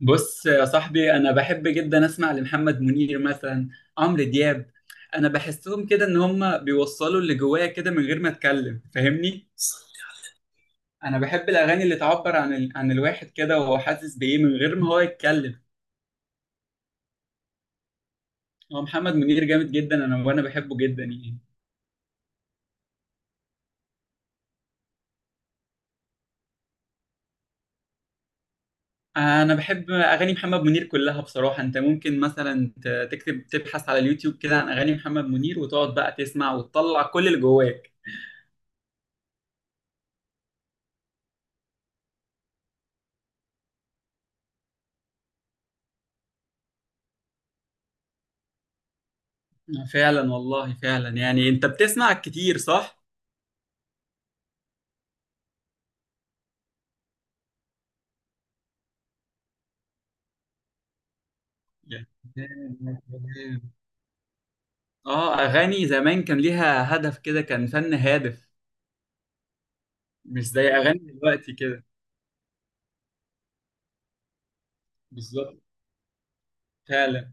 بص يا صاحبي، انا بحب جدا اسمع لمحمد منير مثلا، عمرو دياب. انا بحسهم كده ان هم بيوصلوا اللي جوايا كده من غير ما اتكلم، فاهمني؟ انا بحب الاغاني اللي تعبر عن الواحد كده وهو حاسس بايه من غير ما هو يتكلم. هو محمد منير جامد جدا، وانا بحبه جدا يعني. انا بحب اغاني محمد منير كلها بصراحة. انت ممكن مثلا تكتب تبحث على اليوتيوب كده عن اغاني محمد منير وتقعد بقى تسمع وتطلع كل اللي جواك. فعلا والله فعلا، يعني انت بتسمع كتير، صح؟ يعني- اه، اغاني زمان كان ليها هدف كده، كان فن هادف. مش زي اغاني دلوقتي كده. بالظبط. فعلا.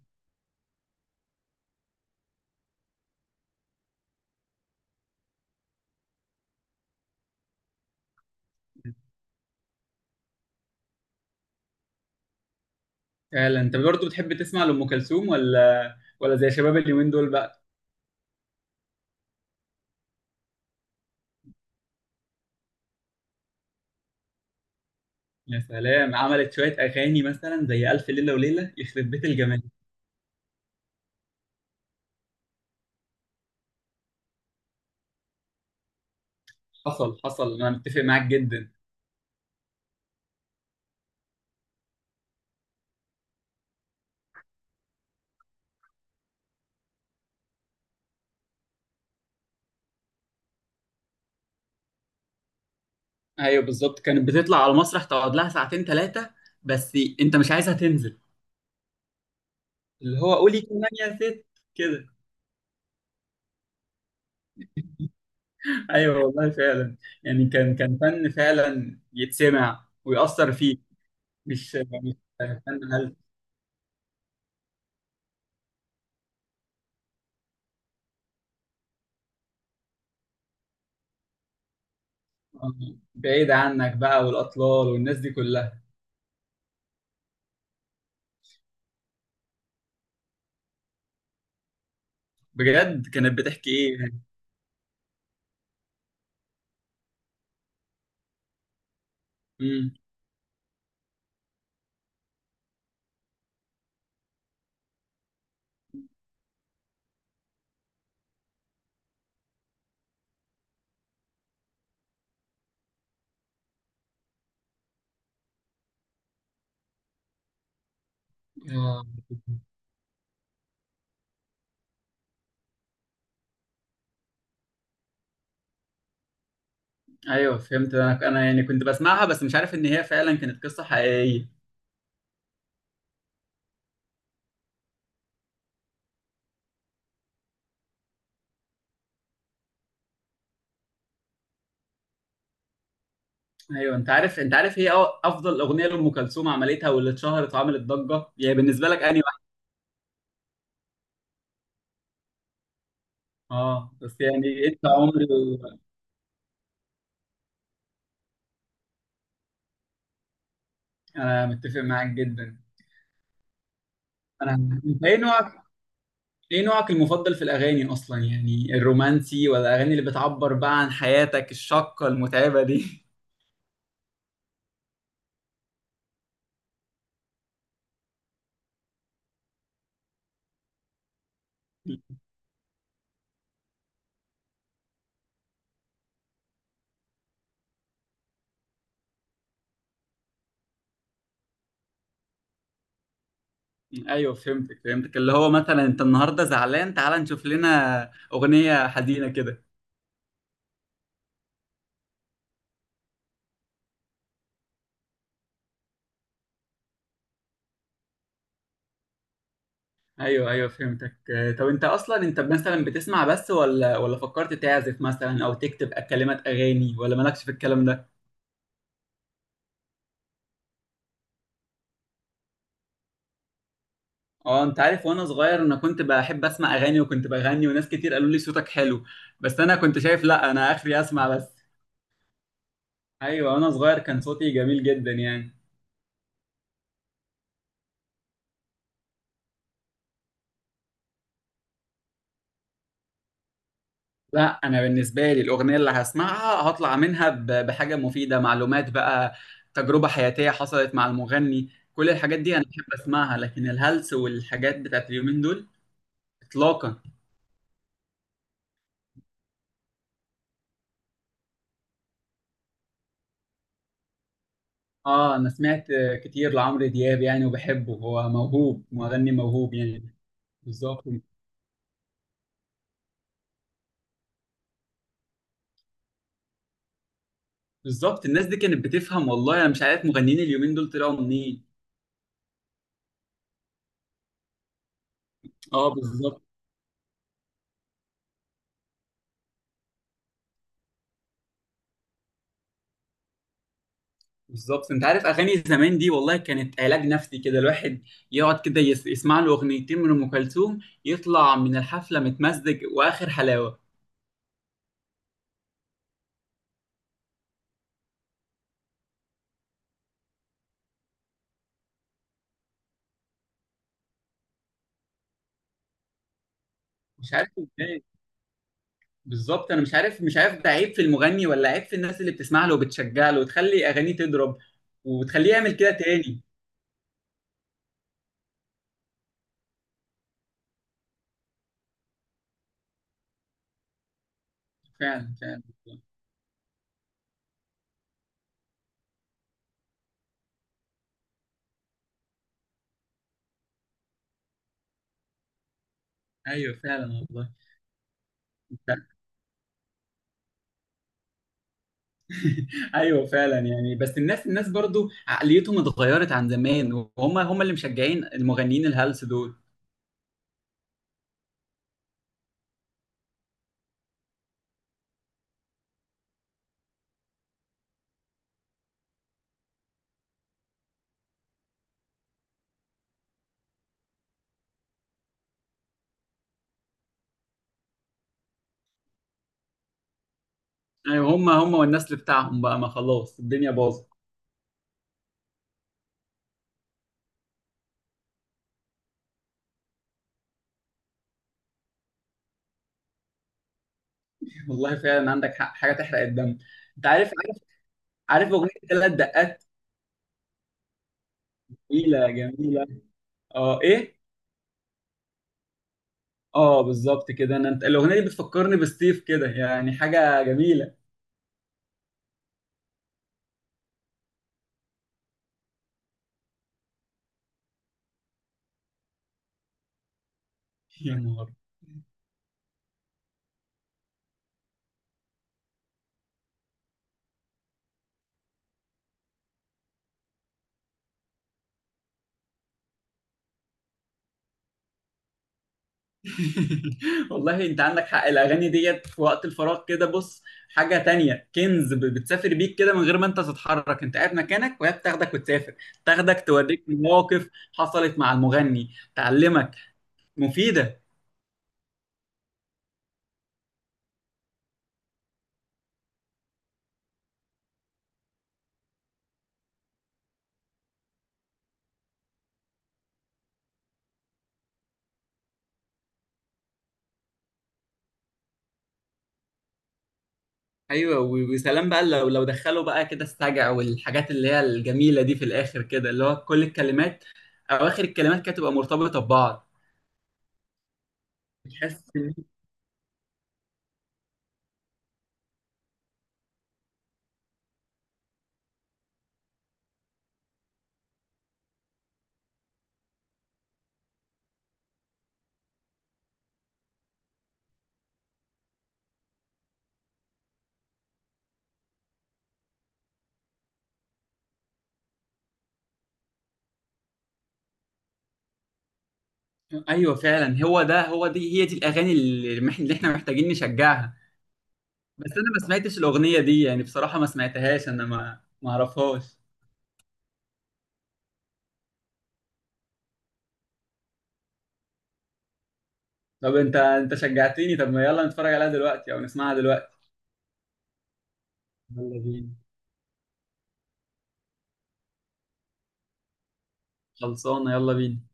فعلا، انت برضو بتحب تسمع لأم كلثوم ولا زي شباب اليومين دول بقى؟ يا سلام، عملت شوية اغاني مثلا زي ألف ليلة وليلة، يخرب بيت الجمال. حصل، حصل، انا متفق معاك جدا. ايوه بالظبط، كانت بتطلع على المسرح تقعد لها ساعتين 3، بس انت مش عايزها تنزل. اللي هو قولي كمان يا ست كده. ايوه والله فعلا، يعني كان فن فعلا يتسمع ويأثر فيك. مش فن. هل بعيد عنك بقى، والأطلال والناس دي كلها؟ بجد كانت بتحكي ايه يعني؟ امم آه. ايوه فهمت، انا يعني كنت بسمعها بس مش عارف ان هي فعلا كانت قصة حقيقية. ايوه، انت عارف هي افضل اغنية لأم كلثوم عملتها واللي اتشهرت وعملت ضجة، يعني بالنسبة لك انهي واحدة؟ اه بس يعني، انت عمري. انا متفق معاك جدا. انا انت ايه نوعك المفضل في الاغاني، اصلا يعني الرومانسي، ولا الاغاني اللي بتعبر بقى عن حياتك الشاقه المتعبه دي؟ ايوه فهمتك، فهمتك. اللي هو مثلا انت النهارده زعلان، تعال نشوف لنا اغنيه حزينه كده. ايوه، ايوه، فهمتك. طب انت اصلا مثلا بتسمع بس، ولا فكرت تعزف مثلا او تكتب كلمات اغاني، ولا مالكش في الكلام ده؟ اه، انت عارف، وانا صغير انا كنت بحب اسمع اغاني، وكنت بغني وناس كتير قالوا لي صوتك حلو. بس انا كنت شايف لا، انا اخري اسمع بس. ايوه وانا صغير كان صوتي جميل جدا يعني. لا، انا بالنسبه لي الاغنيه اللي هسمعها هطلع منها بحاجه مفيده، معلومات بقى، تجربه حياتيه حصلت مع المغني، كل الحاجات دي انا بحب اسمعها. لكن الهلس والحاجات بتاعت اليومين دول، اطلاقا. اه، انا سمعت كتير لعمرو دياب يعني، وبحبه، هو موهوب، مغني موهوب يعني. بالظبط، بالظبط. الناس دي كانت بتفهم، والله انا مش عارف مغنيين اليومين دول طلعوا منين. اه، بالظبط، بالظبط. انت عارف اغاني زمان دي، والله كانت علاج نفسي كده. الواحد يقعد كده يسمع له اغنيتين من ام كلثوم، يطلع من الحفله متمزج واخر حلاوه. مش عارف ازاي. بالظبط، انا مش عارف ده عيب في المغني ولا عيب في الناس اللي بتسمع له وبتشجع له وتخلي اغانيه تضرب، وتخليه يعمل كده تاني. فعلا، فعلا والله. ايوه فعلا والله. ايوه فعلا يعني، بس الناس برضو عقليتهم اتغيرت عن زمان، وهم هم اللي مشجعين المغنيين الهلس دول. ايوه، هم هم والنسل بتاعهم بقى، ما خلاص الدنيا باظت. والله فعلا، عندك حق، حاجه تحرق الدم. انت عارف، عارف اغنيه ثلاث دقات؟ جميله، جميله. اه، ايه؟ اه بالظبط كده. انت الاغنيه دي بتفكرني بستيف كده، يعني حاجه جميله. يا نهار. والله انت عندك حق، الاغاني ديت في وقت الفراغ كده، بص، حاجه تانية كنز، بتسافر بيك كده من غير ما انت تتحرك، انت قاعد مكانك وهي بتاخدك وتسافر، تاخدك توريك مواقف حصلت مع المغني، تعلمك، مفيده. ايوه، وسلام بقى لو دخلوا بقى كده السجع والحاجات اللي هي الجميله دي في الاخر كده، اللي هو كل الكلمات، اواخر الكلمات كده تبقى مرتبطه ببعض. بتحس ان. ايوه فعلا، هو ده هو دي هي دي الاغاني اللي احنا محتاجين نشجعها. بس انا ما سمعتش الاغنيه دي، يعني بصراحه ما سمعتهاش، انا ما اعرفهاش. طب انت شجعتني. طب ما يلا نتفرج عليها دلوقتي او نسمعها دلوقتي. يلا بينا. خلصانه، يلا بينا.